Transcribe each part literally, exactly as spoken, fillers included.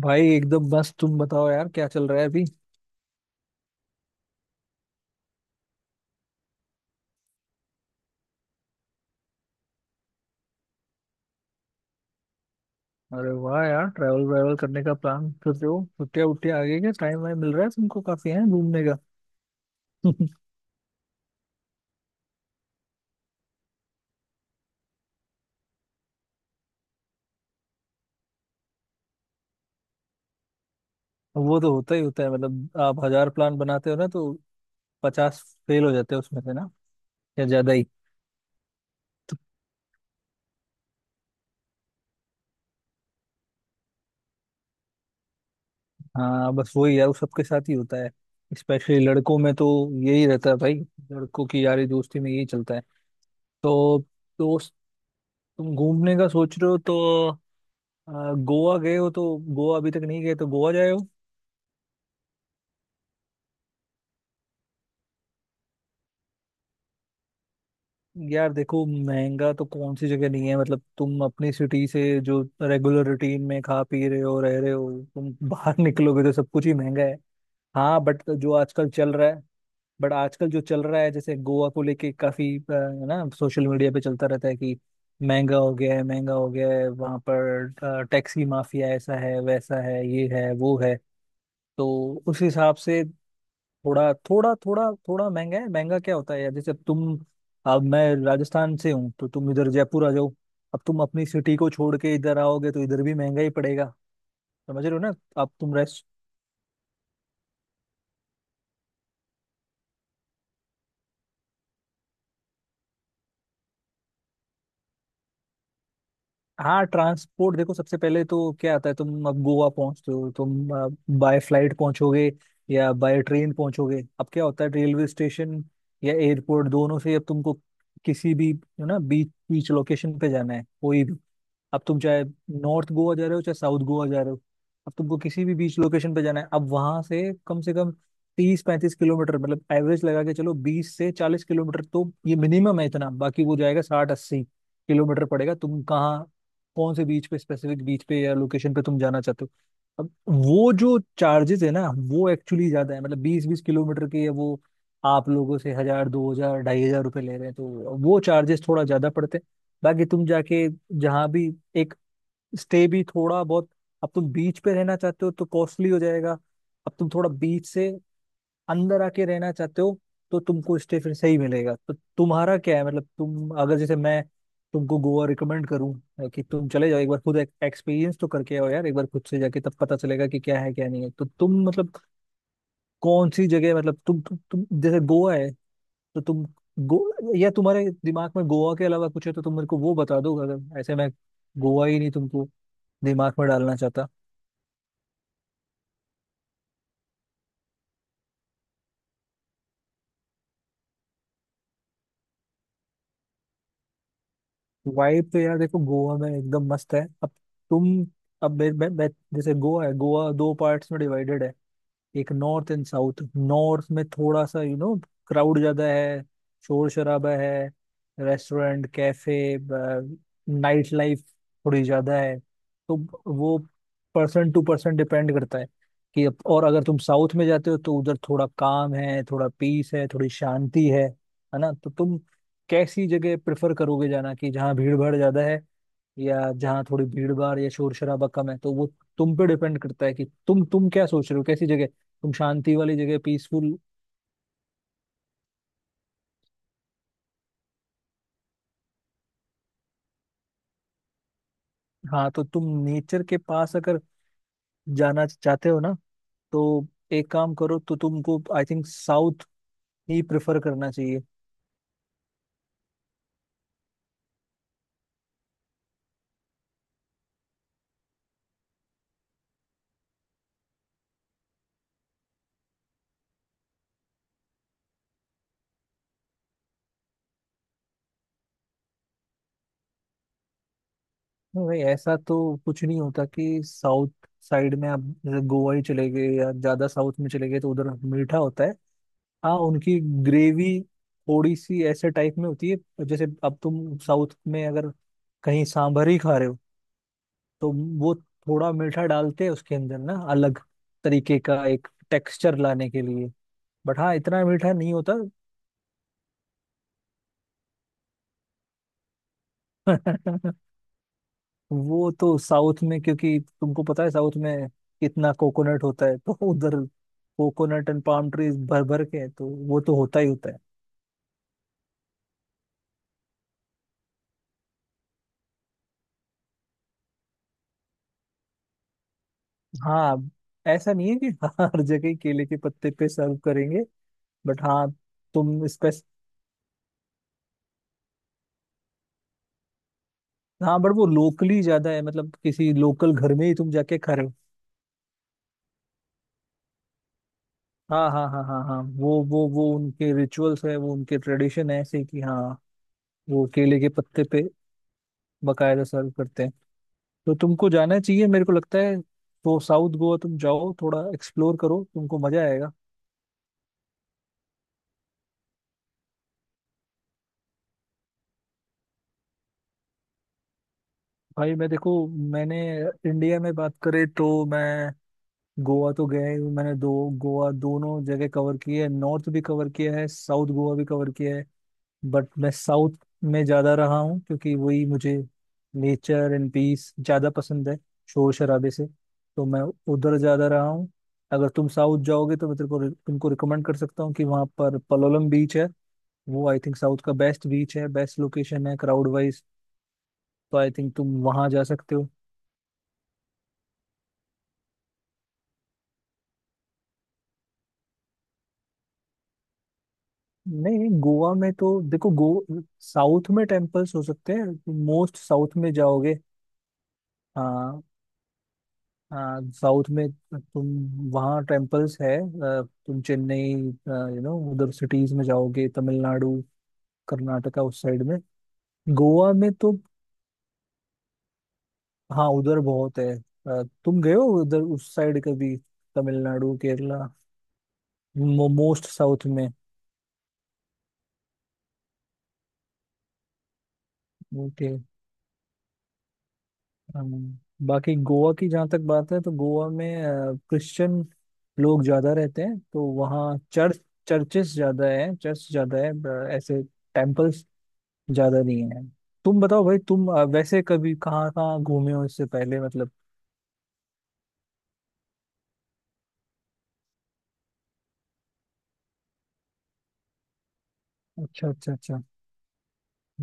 भाई एकदम बस, तुम बताओ यार क्या चल रहा है अभी। अरे वाह यार, ट्रैवल व्रैवल करने का प्लान कर रहे हो? छुट्टियाँ वुट्टियाँ आ गई क्या? टाइम वाइम मिल रहा है तुमको? काफी है घूमने का? वो तो होता ही होता है। मतलब आप हजार प्लान बनाते हो ना तो पचास फेल हो जाते हैं उसमें से ना, या ज्यादा ही। हाँ बस वही यार, वो सबके साथ ही होता है। स्पेशली लड़कों में तो यही रहता है भाई। लड़कों की यारी दोस्ती में यही चलता है तो। दोस्त, तुम घूमने का सोच रहे हो तो अ, गोवा गए हो तो? गोवा अभी तक नहीं गए तो गोवा जाए। यार देखो, महंगा तो कौन सी जगह नहीं है। मतलब तुम अपनी सिटी से जो रेगुलर रूटीन में खा पी रहे हो, रह रहे हो, तुम बाहर निकलोगे तो सब कुछ ही महंगा है। हाँ, बट जो आजकल चल रहा है, बट आजकल जो चल रहा है, जैसे गोवा को लेके काफी अ, है ना, सोशल मीडिया पे चलता रहता है कि महंगा हो गया है, महंगा हो गया है वहां पर। अ, टैक्सी माफिया ऐसा है वैसा है, ये है वो है। तो उस हिसाब से थोड़ा थोड़ा थोड़ा थोड़ा महंगा है। महंगा क्या होता है यार? जैसे अब तुम, अब मैं राजस्थान से हूँ तो तुम इधर जयपुर आ जाओ। अब तुम अपनी सिटी को छोड़ के इधर आओगे तो इधर भी महंगा ही पड़ेगा। समझ रहे हो ना? अब तुम रह। हाँ, ट्रांसपोर्ट देखो। सबसे पहले तो क्या आता है, तुम अब गोवा पहुंचते हो तुम, बाय फ्लाइट पहुंचोगे या बाय ट्रेन पहुंचोगे। अब क्या होता है, रेलवे स्टेशन या एयरपोर्ट दोनों से अब तुमको किसी भी यू ना बीच बीच लोकेशन पे जाना है कोई भी। अब तुम चाहे नॉर्थ गोवा जा रहे हो चाहे साउथ गोवा जा रहे हो, अब तुमको किसी भी बीच लोकेशन पे जाना है। अब वहां से कम से कम तीस पैंतीस किलोमीटर, मतलब एवरेज लगा के चलो बीस से चालीस किलोमीटर, तो ये मिनिमम है इतना, बाकी वो जाएगा साठ अस्सी किलोमीटर पड़ेगा। तुम कहाँ, कौन से बीच पे, स्पेसिफिक बीच पे या लोकेशन पे तुम जाना चाहते हो? अब वो जो चार्जेस है ना, वो एक्चुअली ज्यादा है। मतलब बीस बीस किलोमीटर के वो आप लोगों से हजार दो हजार ढाई हजार रुपये ले रहे हैं, तो वो चार्जेस थोड़ा ज्यादा पड़ते हैं। बाकी तुम जाके जहाँ भी, एक स्टे भी थोड़ा बहुत, अब तुम बीच पे रहना चाहते हो तो कॉस्टली हो जाएगा। अब तुम थोड़ा बीच से अंदर आके रहना चाहते हो तो तुमको स्टे फिर सही मिलेगा। तो तुम्हारा क्या है, मतलब तुम अगर, जैसे मैं तुमको गोवा रिकमेंड करूं, अ, कि तुम चले जाओ एक बार खुद, एक्सपीरियंस तो करके आओ यार एक बार खुद से जाके, तब पता चलेगा कि क्या है क्या नहीं है। तो तुम मतलब कौन सी जगह, मतलब तुम तुम, तुम, जैसे गोवा है तो तुम गो, या तुम्हारे दिमाग में गोवा के अलावा कुछ है तो तुम मेरे को वो बता दो, अगर ऐसे मैं गोवा ही नहीं तुमको दिमाग में डालना चाहता। वाइब तो यार देखो, गोवा में एकदम मस्त है। अब तुम, अब मैं, मैं, मैं, जैसे गोवा है, गोवा दो पार्ट्स में डिवाइडेड है। एक नॉर्थ एंड साउथ। नॉर्थ में थोड़ा सा, यू नो, क्राउड ज्यादा है, शोर शराबा है, रेस्टोरेंट कैफे नाइट लाइफ थोड़ी ज्यादा है। तो वो पर्सन टू पर्सन डिपेंड करता है कि अप- और अगर तुम साउथ में जाते हो तो उधर थोड़ा काम है, थोड़ा पीस है, थोड़ी शांति है। है ना? तो तुम कैसी जगह प्रेफर करोगे जाना, कि जहाँ भीड़ भाड़ ज्यादा है या जहाँ थोड़ी भीड़ भाड़ या शोर शराबा कम है? तो वो तुम पे डिपेंड करता है कि तुम तुम क्या सोच रहे हो, कैसी जगह, तुम शांति वाली जगह पीसफुल। हाँ, तो तुम नेचर के पास अगर जाना चाहते हो ना, तो एक काम करो, तो तुमको आई थिंक साउथ ही प्रेफर करना चाहिए। नहीं भाई, ऐसा तो कुछ नहीं होता कि साउथ साइड में आप, जैसे गोवा ही चले गए या ज्यादा साउथ में चले गए तो उधर मीठा होता है, हाँ। उनकी ग्रेवी थोड़ी सी ऐसे टाइप में होती है। जैसे अब तुम साउथ में अगर कहीं सांभर ही खा रहे हो, तो वो थोड़ा मीठा डालते हैं उसके अंदर ना, अलग तरीके का एक टेक्सचर लाने के लिए। बट हाँ, इतना मीठा नहीं होता। वो तो साउथ में, क्योंकि तुमको पता है साउथ में कितना कोकोनट होता है, तो उधर कोकोनट एंड पाम ट्रीज भर भर के हैं, तो वो तो होता ही होता है। हाँ, ऐसा नहीं है कि हर जगह ही केले के पत्ते पे सर्व करेंगे। बट हाँ, तुम स्पेस। हाँ बट वो लोकली ज्यादा है, मतलब किसी लोकल घर में ही तुम जाके खा रहे हो। हाँ हाँ हाँ हाँ हाँ, वो वो वो उनके रिचुअल्स है, वो उनके ट्रेडिशन है, ऐसे कि हाँ, वो केले के पत्ते पे बकायदा सर्व करते हैं। तो तुमको जाना चाहिए, मेरे को लगता है। तो साउथ गोवा तुम जाओ, थोड़ा एक्सप्लोर करो, तुमको मजा आएगा। भाई मैं देखो, मैंने इंडिया में बात करे तो मैं गोवा तो गया ही हूँ। मैंने दो, गोवा दोनों जगह कवर किए है, नॉर्थ भी कवर किया है, साउथ गोवा भी कवर किया है। बट मैं साउथ में ज्यादा रहा हूँ, क्योंकि वही मुझे नेचर एंड पीस ज्यादा पसंद है, शोर शराबे से। तो मैं उधर ज्यादा रहा हूँ। अगर तुम साउथ जाओगे तो मैं तेरे को, तुमको रिकमेंड कर सकता हूँ कि वहाँ पर पलोलम बीच है। वो आई थिंक साउथ का बेस्ट बीच है, बेस्ट लोकेशन है क्राउड वाइज। तो आई थिंक तुम वहाँ जा सकते हो। नहीं नहीं, गोवा में तो देखो गो, साउथ में टेम्पल्स हो सकते हैं, मोस्ट साउथ में जाओगे। हाँ हाँ, साउथ में तुम, वहाँ टेम्पल्स है। अ, तुम चेन्नई, यू नो, उधर सिटीज में जाओगे, तमिलनाडु कर्नाटका उस साइड में। गोवा में तो, हाँ, उधर बहुत है। अ, तुम गए हो उधर उस साइड कभी, तमिलनाडु केरला, मोस्ट साउथ में? ओके। हम, बाकी गोवा की जहाँ तक बात है, तो गोवा में क्रिश्चियन लोग ज्यादा रहते हैं, तो वहाँ चर्च, चर्चेस ज्यादा है, चर्च ज्यादा है, अ, ऐसे टेम्पल्स ज्यादा नहीं है। तुम बताओ भाई, तुम अ, वैसे कभी कहाँ कहाँ घूमे हो इससे पहले, मतलब? अच्छा अच्छा अच्छा,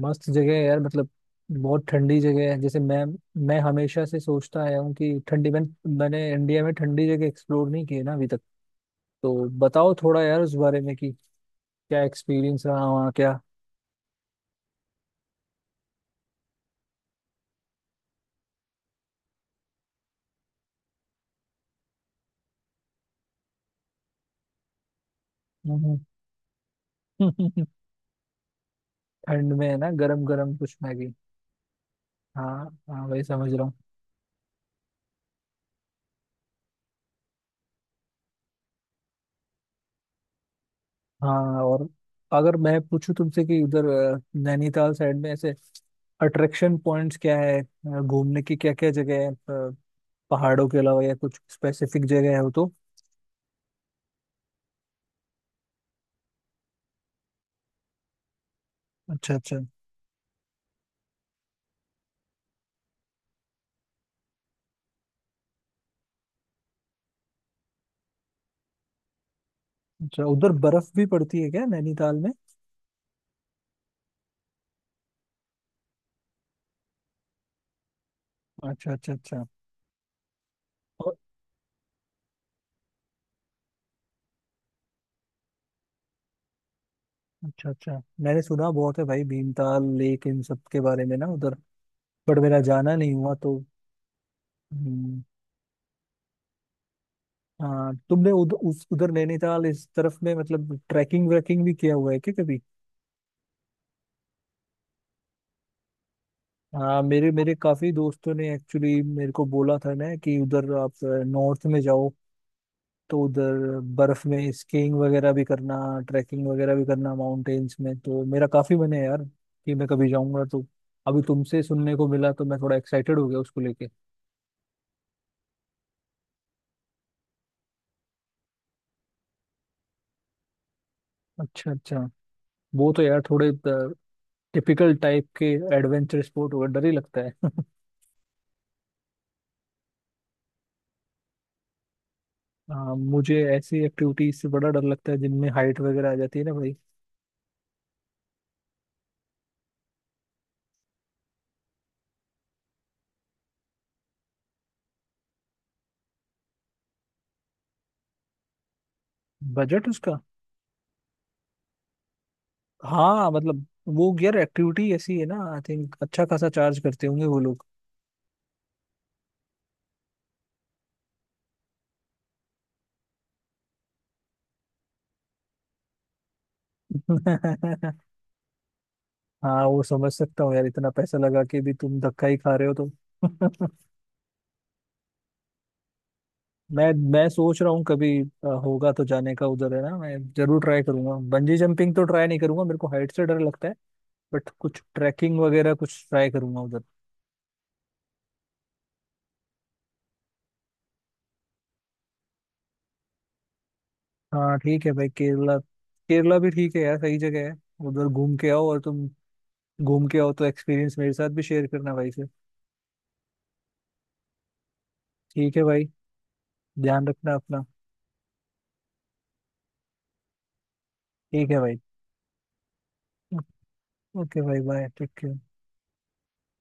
मस्त जगह है यार, मतलब बहुत ठंडी जगह है। जैसे मैं मैं हमेशा से सोचता आया हूँ कि ठंडी, मैं, मैंने इंडिया में ठंडी जगह एक्सप्लोर नहीं की है ना अभी तक। तो बताओ थोड़ा यार उस बारे में कि क्या एक्सपीरियंस रहा वहाँ क्या। हम्म। ठंड में है ना, गरम गरम कुछ मैगी। हाँ हाँ, वही समझ रहा हूँ। हाँ, और अगर मैं पूछूं तुमसे कि उधर अ, नैनीताल साइड में ऐसे अट्रैक्शन पॉइंट्स क्या है, अ, घूमने की क्या क्या जगह है, अ, पहाड़ों के अलावा या कुछ स्पेसिफिक जगह हो तो? अच्छा अच्छा अच्छा, उधर बर्फ भी पड़ती है क्या नैनीताल में? अच्छा अच्छा अच्छा। और-। अच्छा अच्छा, मैंने सुना बहुत है भाई भीमताल लेक, इन सब के बारे में ना उधर। बट मेरा जाना नहीं हुआ तो। हम्म, हाँ, तुमने उधर, उस उधर नैनीताल इस तरफ में मतलब ट्रैकिंग व्रैकिंग भी किया हुआ है क्या कभी? हाँ, मेरे मेरे काफी दोस्तों ने एक्चुअली मेरे को बोला था ना कि उधर आप नॉर्थ में जाओ, तो उधर बर्फ में स्कीइंग वगैरह भी करना, ट्रैकिंग वगैरह भी करना माउंटेन्स में, तो मेरा काफी मन है यार कि मैं कभी जाऊंगा तो। अभी तुमसे सुनने को मिला तो मैं थोड़ा एक्साइटेड हो गया उसको लेके। अच्छा अच्छा, वो तो यार थोड़े टिपिकल टाइप के एडवेंचर स्पोर्ट होगा, डर ही लगता है। हाँ, मुझे ऐसी एक्टिविटीज से बड़ा डर लगता है, जिनमें हाइट वगैरह आ जाती है ना भाई। बजट उसका? हाँ मतलब, वो यार एक्टिविटी ऐसी है ना, आई थिंक अच्छा खासा चार्ज करते होंगे वो लोग। हाँ, वो समझ सकता हूँ यार, इतना पैसा लगा के भी तुम धक्का ही खा रहे हो तो। मैं मैं सोच रहा हूँ कभी अ, होगा तो जाने का उधर है ना, मैं जरूर ट्राई करूंगा। बंजी जंपिंग तो ट्राई नहीं करूंगा, मेरे को हाइट से डर लगता है। बट कुछ ट्रैकिंग वगैरह कुछ ट्राई करूंगा उधर। हाँ ठीक है भाई, केरला, केरला भी ठीक है यार, सही जगह है। उधर घूम के आओ, और तुम घूम के आओ तो एक्सपीरियंस मेरे साथ भी शेयर करना भाई से। ठीक है भाई, ध्यान रखना अपना। ठीक है भाई। ओके भाई, बाय टेक केयर।